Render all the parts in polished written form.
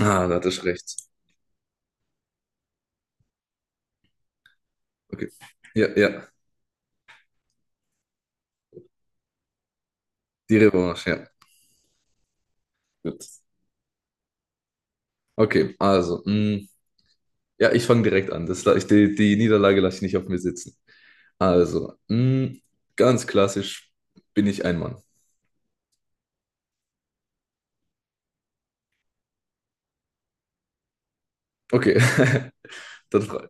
Ah, da hattest du recht. Okay. Ja, ja. Die Revanche, ja. Gut. Okay, also, ja, ich fange direkt an. Die Niederlage lasse ich nicht auf mir sitzen. Also, ganz klassisch bin ich ein Mann. Okay, dann frage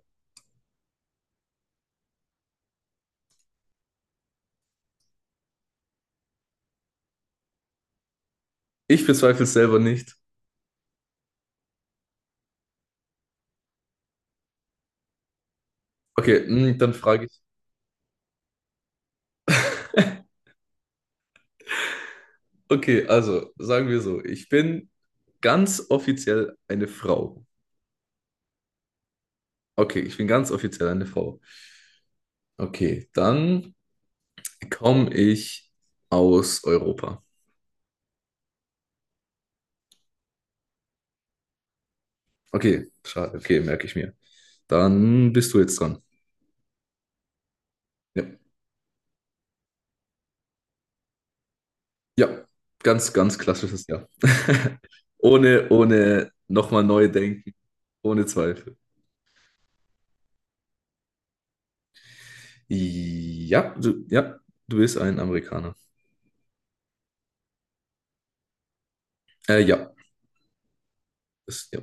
ich. Bezweifle es selber nicht. Okay, dann frage ich. Okay, also, sagen wir so, ich bin ganz offiziell eine Frau. Okay, ich bin ganz offiziell eine Frau. Okay, dann komme ich aus Europa. Okay, schade. Okay, merke ich mir. Dann bist du jetzt dran. Ja, ja, ganz, ganz klassisches Ja. Ohne, ohne nochmal neu denken. Ohne Zweifel. Ja, ja, du bist ein Amerikaner. Ja, ist, ja.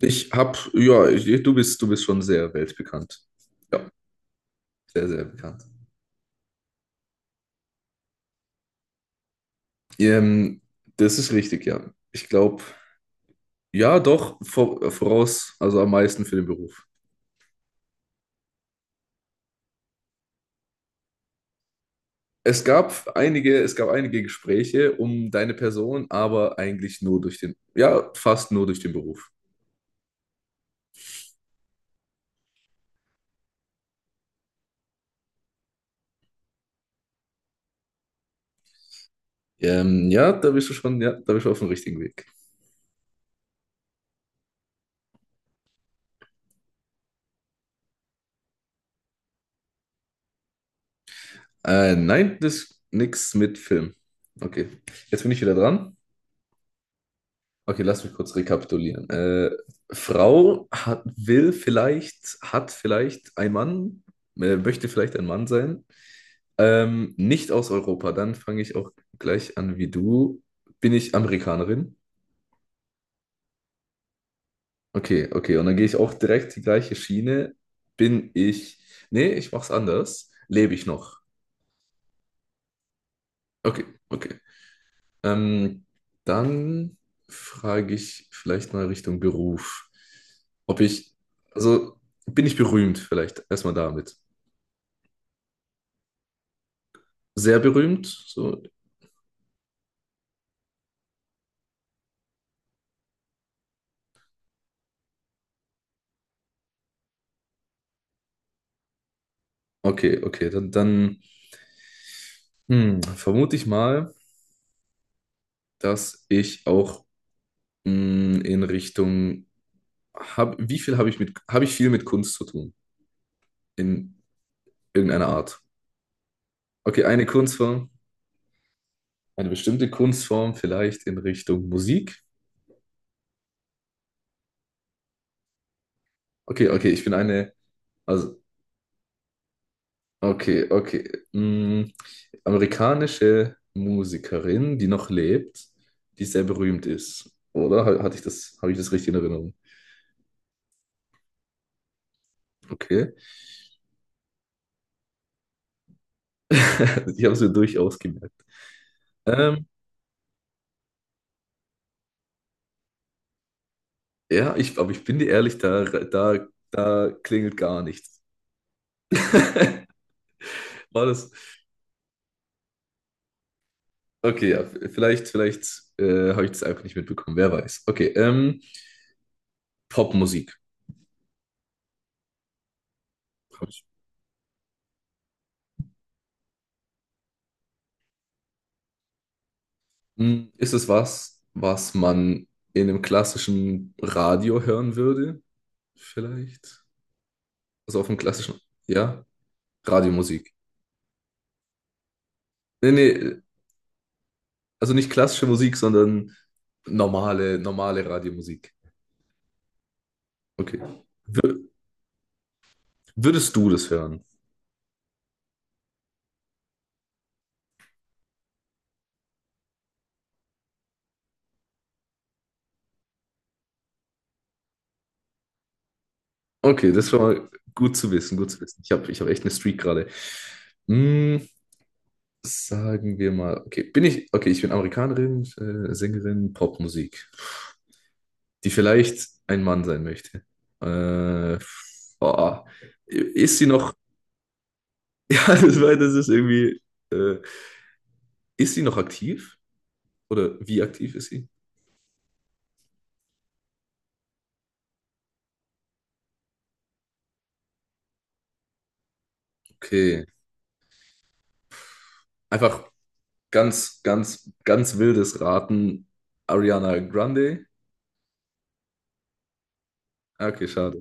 Ich hab, ja, du bist schon sehr weltbekannt. Ja, sehr, sehr bekannt. Ähm, Das ist richtig, ja. Ich glaube, ja, doch, voraus, also am meisten für den Beruf. Es gab einige Gespräche um deine Person, aber eigentlich nur durch den, ja, fast nur durch den Beruf. Ja, da bist du schon, ja, da bist du auf dem richtigen Weg. Nein, das ist nix mit Film. Okay, jetzt bin ich wieder dran. Okay, lass mich kurz rekapitulieren. Frau hat, will vielleicht, hat vielleicht ein Mann, möchte vielleicht ein Mann sein. Nicht aus Europa, dann fange ich auch gleich an wie du. Bin ich Amerikanerin? Okay, okay. Und dann gehe ich auch direkt die gleiche Schiene. Bin ich. Nee, ich mach's anders. Lebe ich noch? Okay, okay. Ähm, Dann frage ich vielleicht mal Richtung Beruf. Ob ich. Also, bin ich berühmt vielleicht? Erstmal damit. Sehr berühmt? So. Okay, okay. Dann, dann, vermute ich mal, dass ich auch, in Richtung. Hab, wie viel habe ich mit. Habe ich viel mit Kunst zu tun? In irgendeiner Art. Okay, eine Kunstform, eine bestimmte Kunstform vielleicht in Richtung Musik. Okay, okay, ich bin eine, also, okay, okay. mm, amerikanische Musikerin, die noch lebt, die sehr berühmt ist. Oder hatte ich das, habe ich das richtig in Erinnerung? Okay. Ich habe es mir durchaus gemerkt. Ähm, ja, ich, aber ich bin dir ehrlich, da klingelt gar nichts. War das? Okay, ja, vielleicht, vielleicht habe ich das einfach nicht mitbekommen, wer weiß. Okay, Popmusik. Ist es was, was man in einem klassischen Radio hören würde? Vielleicht? Also auf einem klassischen, ja? Radiomusik. Nee, nee, also nicht klassische Musik, sondern normale, normale Radiomusik. Okay. Wür- würdest du das hören? Okay, das ist schon mal gut zu wissen, gut zu wissen. Ich habe, ich hab echt eine Streak gerade. Hm, sagen wir mal, okay, bin ich, okay, ich bin Amerikanerin, Sängerin, Popmusik, die vielleicht ein Mann sein möchte. Äh, Boah. Ist sie noch, ja, das, war, das ist irgendwie, äh, ist sie noch aktiv? Oder wie aktiv ist sie? Okay. Einfach ganz, ganz, ganz wildes Raten. Ariana Grande? Ah, okay, schade.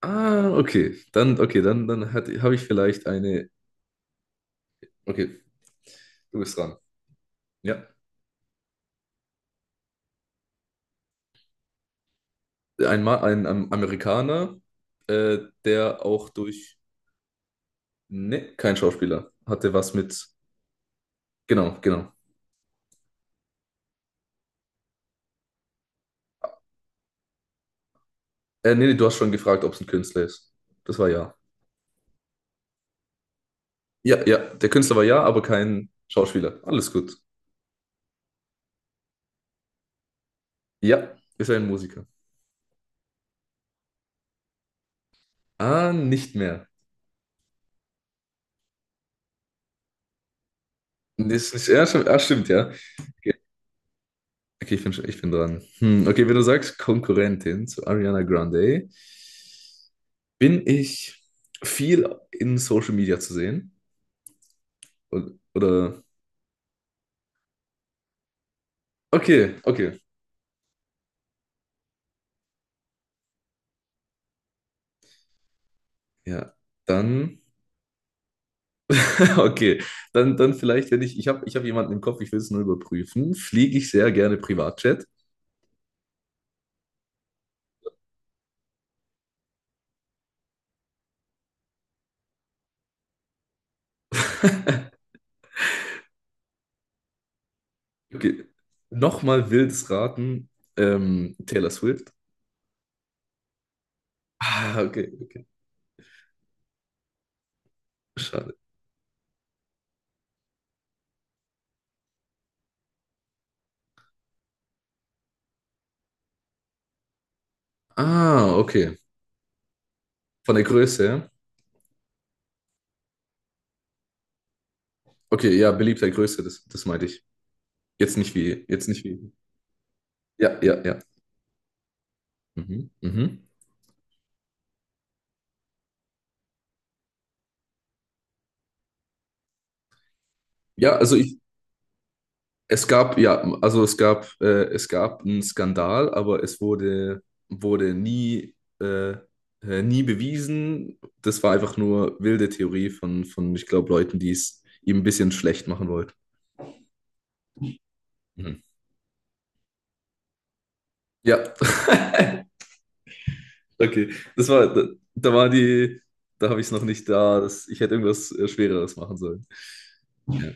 Ah, okay. Dann, okay, dann, dann habe ich vielleicht eine. Okay, du bist dran. Ja. Ein, Ma, ein Amerikaner, äh, der auch durch. Ne, kein Schauspieler. Hatte was mit. Genau, genau. Nee, nee, du hast schon gefragt, ob es ein Künstler ist. Das war ja. Ja, ja, der Künstler war ja, aber kein Schauspieler. Alles gut. Ja, ist ein Musiker. Ah, nicht mehr. Das ist, ja, stimmt, ah, stimmt, ja. Okay, okay, ich bin, ich bin dran. Okay, wenn du sagst Konkurrentin zu Ariana Grande, bin ich viel in Social Media zu sehen? Und, oder? Okay, okay. Ja, dann. Okay, dann, dann vielleicht, wenn ich, ich habe, ich hab jemanden im Kopf, ich will es nur überprüfen, fliege ich sehr gerne Privatjet. Okay. Nochmal wildes Raten, Taylor Swift. Ah, okay, okay, schade. Ah, okay, von der Größe her. Okay, ja, beliebter Größe, das, das meinte ich. Jetzt nicht wie, jetzt nicht wie. Ja, ja, ja. Mhm, mhm. Ja, also ich, Es gab, ja, also es gab einen Skandal, aber es wurde, wurde nie, nie bewiesen. Das war einfach nur wilde Theorie von, ich glaube, Leuten, die es ihm ein bisschen schlecht machen wollten. Mhm. Ja, okay. Das war, da, da war die, da habe ich es noch nicht da. Das, ich hätte irgendwas Schwereres machen sollen. Ja.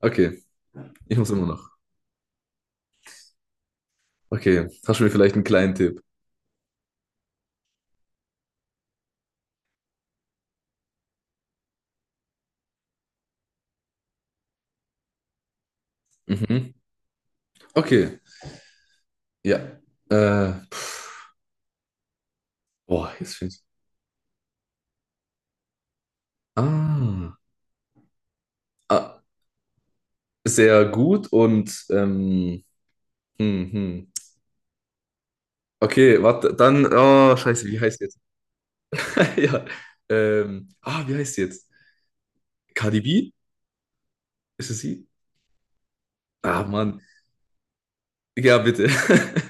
Okay, ich muss immer noch. Okay, hast du mir vielleicht einen kleinen Tipp? Mhm. Okay, ja. Äh, Boah, jetzt fehlt. Ah. Ah, sehr gut und hm, hm. Okay, warte, dann, oh, scheiße, wie heißt sie jetzt? Ja, ah, wie heißt sie jetzt? Cardi B? Ist es sie? Ah, Mann. Ja, bitte.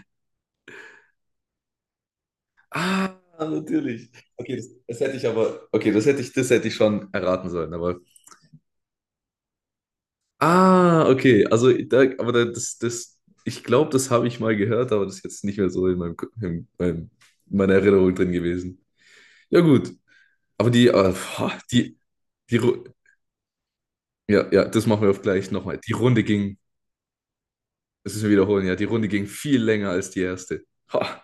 Ah, natürlich. Okay, das, das hätte ich aber, okay, das hätte ich schon erraten sollen, aber, ah, okay, also, da, aber das, das, ich glaube, das habe ich mal gehört, aber das ist jetzt nicht mehr so in meinem, in meinem, in meiner Erinnerung drin gewesen. Ja, gut, aber die, boah, die, die, Ru- ja, ja, das machen wir auf gleich nochmal. Die Runde ging, das ist, wir wiederholen, ja, die Runde ging viel länger als die erste. Ha.